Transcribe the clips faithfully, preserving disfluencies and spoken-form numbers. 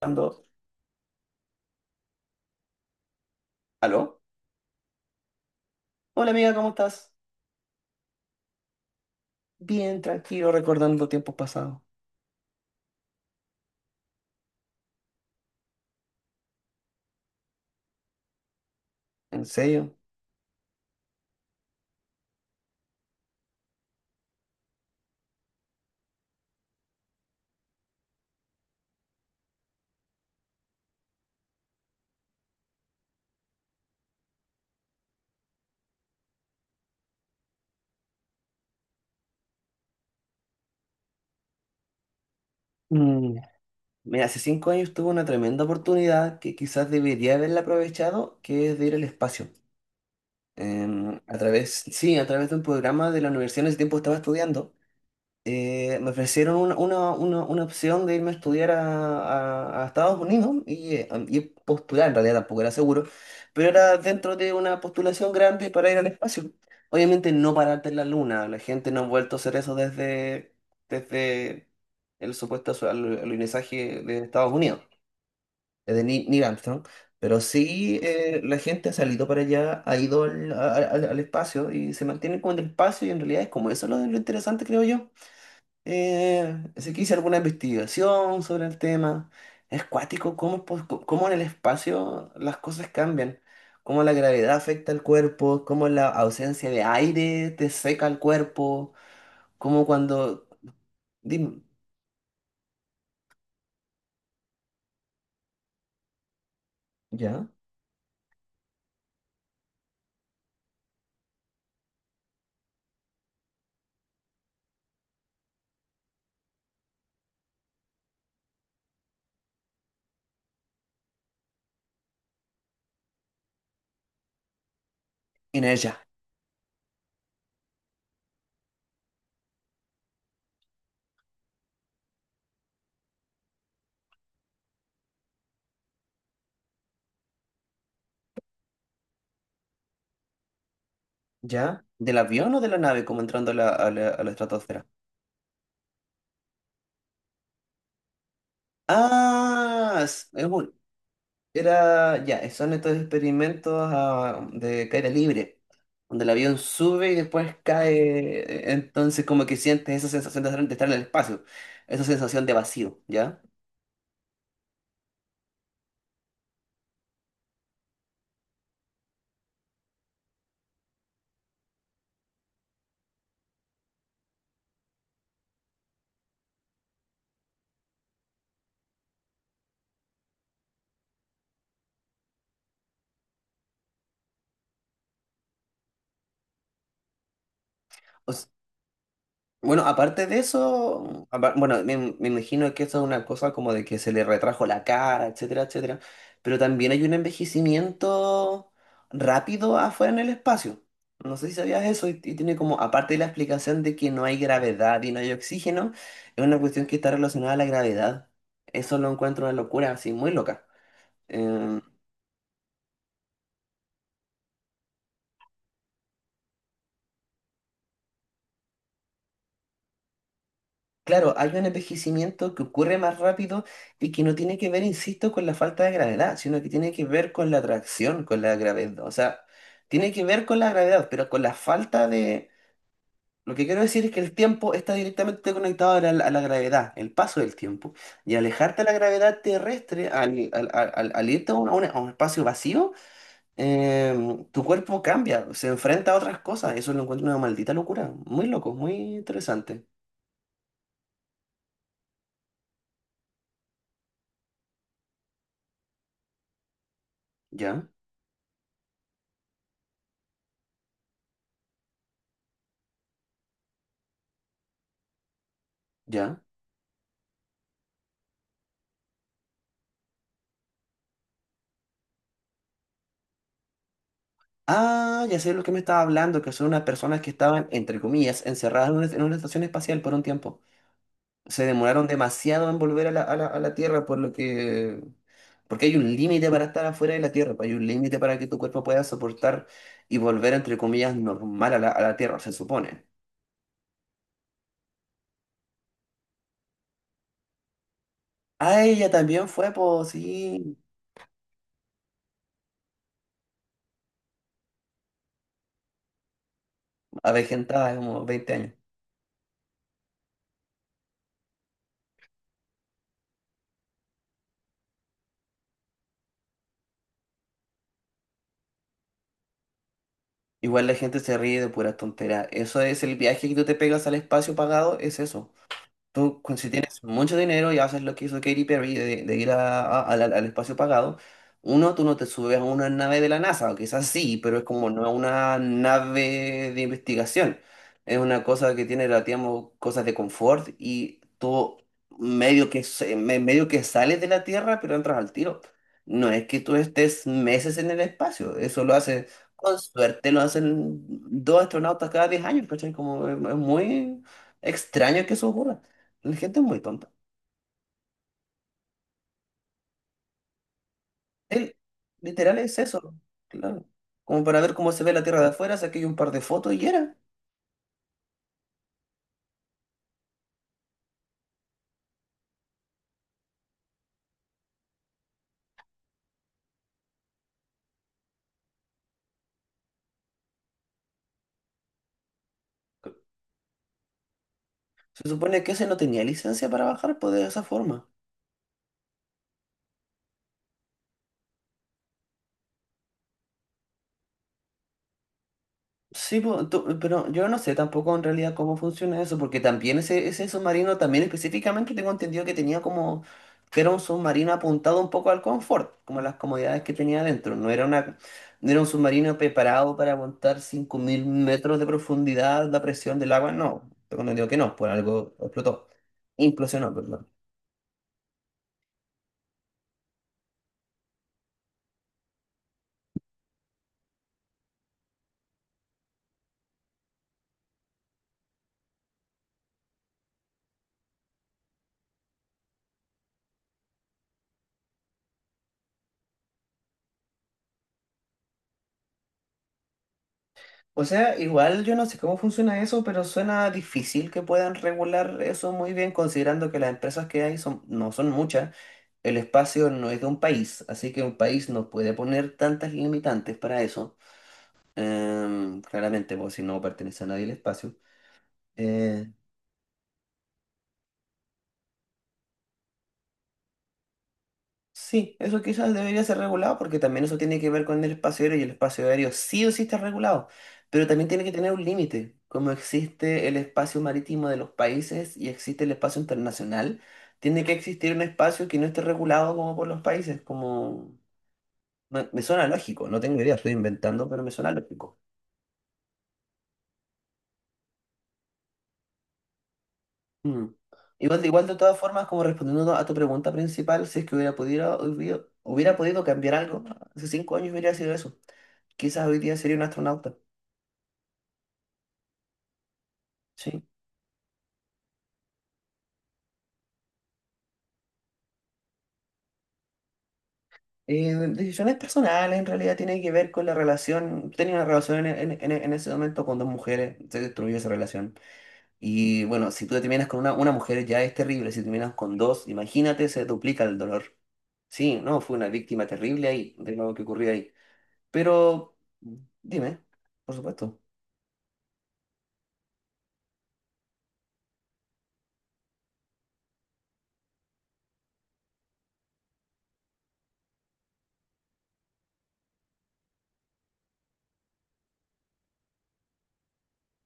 Ando. ¿Aló? Hola, amiga, ¿cómo estás? Bien, tranquilo, recordando tiempos pasados. ¿En serio? Mm, Mira, hace cinco años tuve una tremenda oportunidad que quizás debería haberla aprovechado, que es de ir al espacio. Em, a través, sí, a través de un programa de la universidad en ese tiempo estaba estudiando. Eh, me ofrecieron una, una- una- una opción de irme a estudiar a, a- a Estados Unidos y, eh, y postular, en realidad tampoco era seguro, pero era dentro de una postulación grande para ir al espacio. Obviamente no pararte en la luna, la gente no ha vuelto a hacer eso desde, desde el supuesto su- al- alunizaje de Estados Unidos, desde Ni- Neil Armstrong. Pero sí, eh, la gente ha salido para allá, ha ido al, al- al- al espacio y se mantiene como en el espacio y en realidad es como eso lo, lo interesante, creo yo. Eh, así que hice alguna investigación sobre el tema. Es cuático cómo, po- cómo en el espacio las cosas cambian, cómo la gravedad afecta al cuerpo, cómo la ausencia de aire te seca el cuerpo, cómo cuando... Dime, ¿ya? Inés, ¿ya? ¿Ya? ¿Del avión o de la nave como entrando a la, a la, a la estratosfera? Ah, es, es un era, ya, son estos experimentos ah, de caída libre, donde el avión sube y después cae, entonces como que sientes esa sensación de estar de estar en el espacio, esa sensación de vacío, ¿ya? Bueno, aparte de eso, apa- bueno, me, me imagino que eso es una cosa como de que se le retrajo la cara, etcétera, etcétera, pero también hay un envejecimiento rápido afuera en el espacio. No sé si sabías eso y, y tiene como, aparte de la explicación de que no hay gravedad y no hay oxígeno, es una cuestión que está relacionada a la gravedad. Eso lo encuentro una locura, así, muy loca. Em, Claro, hay un envejecimiento que ocurre más rápido y que no tiene que ver, insisto, con la falta de gravedad, sino que tiene que ver con la atracción, con la gravedad. O sea, tiene que ver con la gravedad, pero con la falta de... Lo que quiero decir es que el tiempo está directamente conectado a la, a la gravedad, el paso del tiempo. Y alejarte de la gravedad terrestre, al, al, al- al- al irte a un, a un- a un espacio vacío, em, tu cuerpo cambia, se enfrenta a otras cosas. Eso lo encuentro una maldita locura. Muy loco, muy interesante. Ya, ya. Ah, ya sé lo que me estaba hablando, que son unas personas que estaban, entre comillas, encerradas en una, en una estación espacial por un tiempo. Se demoraron demasiado en volver a la, a la- a la Tierra, por lo que... Porque hay un límite para estar afuera de la Tierra, pues, hay un límite para que tu cuerpo pueda soportar y volver, entre comillas, normal a la, a la Tierra, se supone. Ah, ella también fue, pues sí, avejentada, como veinte años. Igual la gente se ríe de puras tonteras. Eso es el viaje que tú te pegas al espacio pagado, es eso. Tú, cu- si tienes mucho dinero y haces lo que hizo Katy Perry de, de ir a- a- al al- al espacio pagado, uno, tú no te subes a una nave de la NASA, o quizás sí, pero es como no es una nave de investigación. Es una cosa que tiene, la- digamos, cosas de confort y tú medio que, se- me- medio que sales de la Tierra, pero entras al tiro. No es que tú estés meses en el espacio, eso lo hace, con suerte lo hacen dos astronautas cada diez años, ¿cachai? Como es es muy extraño que eso ocurra. La gente es muy tonta. Él, literal, es eso. Claro. Como para ver cómo se ve la tierra de afuera, saqué yo un par de fotos y era. Se supone que ese no tenía licencia para bajar, pues de esa forma. Sí, po, tú- pero yo no sé tampoco en realidad cómo funciona eso, porque también ese, ese submarino, también específicamente tengo entendido que tenía como, que era un submarino apuntado un poco al confort, como las comodidades que tenía adentro. No era una, no era un submarino preparado para aguantar cinco mil metros de profundidad la presión del agua, no. Tengo entendido que no, por algo explotó, implosionó, perdón. O sea, igual yo no sé cómo funciona eso, pero suena difícil que puedan regular eso muy bien, considerando que las empresas que hay son, no son muchas, el espacio no es de un país, así que un país no puede poner tantas limitantes para eso. Em, claramente, porque si no pertenece a nadie el espacio. Eh, Sí, eso quizás debería ser regulado porque también eso tiene que ver con el espacio aéreo y el espacio aéreo sí o sí está regulado, pero también tiene que tener un límite, como existe el espacio marítimo de los países y existe el espacio internacional, tiene que existir un espacio que no esté regulado como por los países, como me, me suena lógico, no tengo idea, estoy inventando, pero me suena lógico. Mm. Igual, de- igual de todas formas, como respondiendo a tu pregunta principal, si es que hubiera podido, hubiera, hubiera podido cambiar algo, hace cinco años hubiera sido eso. Quizás hoy día sería un astronauta. Sí. Eh, decisiones personales en realidad tiene que ver con la relación. Tenía una relación en, en- en- en ese momento con dos mujeres, se destruyó esa relación. Y bueno, si tú te terminas con una, una mujer ya es terrible, si terminas con dos, imagínate, se duplica el dolor. Sí, no, fue una víctima terrible ahí, de lo que ocurrió ahí. Pero dime, por supuesto,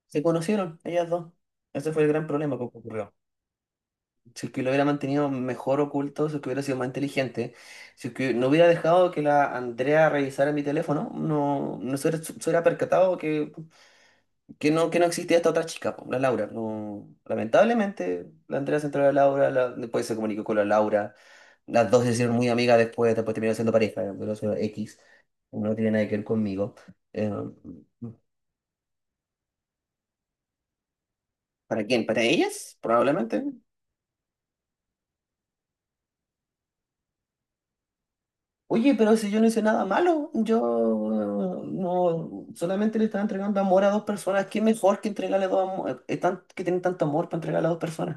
se conocieron ellas dos. Ese fue el gran problema que ocurrió. Si es que lo hubiera mantenido mejor oculto, si es que hubiera sido más inteligente, si es que no hubiera dejado que la Andrea revisara mi teléfono, no, no se, hubiera se hubiera percatado que, que, no, que no existía esta otra chica, po, la Laura. No, lamentablemente, la Andrea se enteró de la Laura, la- después se comunicó con la Laura, las dos se hicieron muy amigas después, después terminaron siendo pareja, eh, pero eso era X, no tiene nada que ver conmigo. Eh, ¿Para quién? ¿Para ellas? Probablemente. Oye, pero si yo no hice nada malo, yo no, solamente le estaba entregando amor a dos personas, ¿qué mejor que entregarle dos amor, eh, que tienen tanto amor para entregarle a dos personas?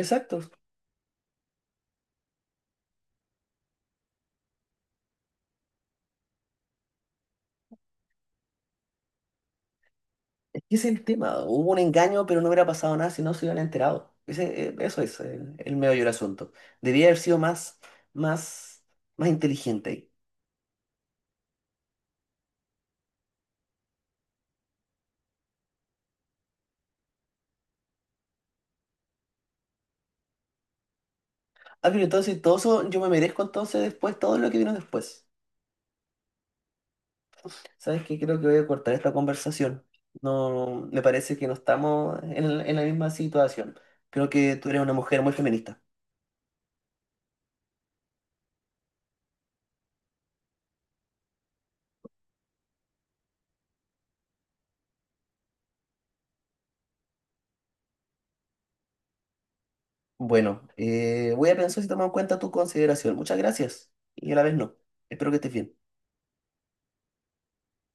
Exacto, es que ese es el tema, hubo un engaño, pero no hubiera pasado nada si no se hubieran enterado. Ese, eh, eso es eh, el medio del asunto. Debía haber sido más, más, más inteligente ahí. Ah, pero entonces todo eso, yo me merezco entonces después todo lo que vino después. ¿Sabes qué? Creo que voy a cortar esta conversación. No, me parece que no estamos en, en la misma situación. Creo que tú eres una mujer muy feminista. Bueno, eh, voy a pensar si tomo en cuenta tu consideración. Muchas gracias. Y a la vez no. Espero que estés bien.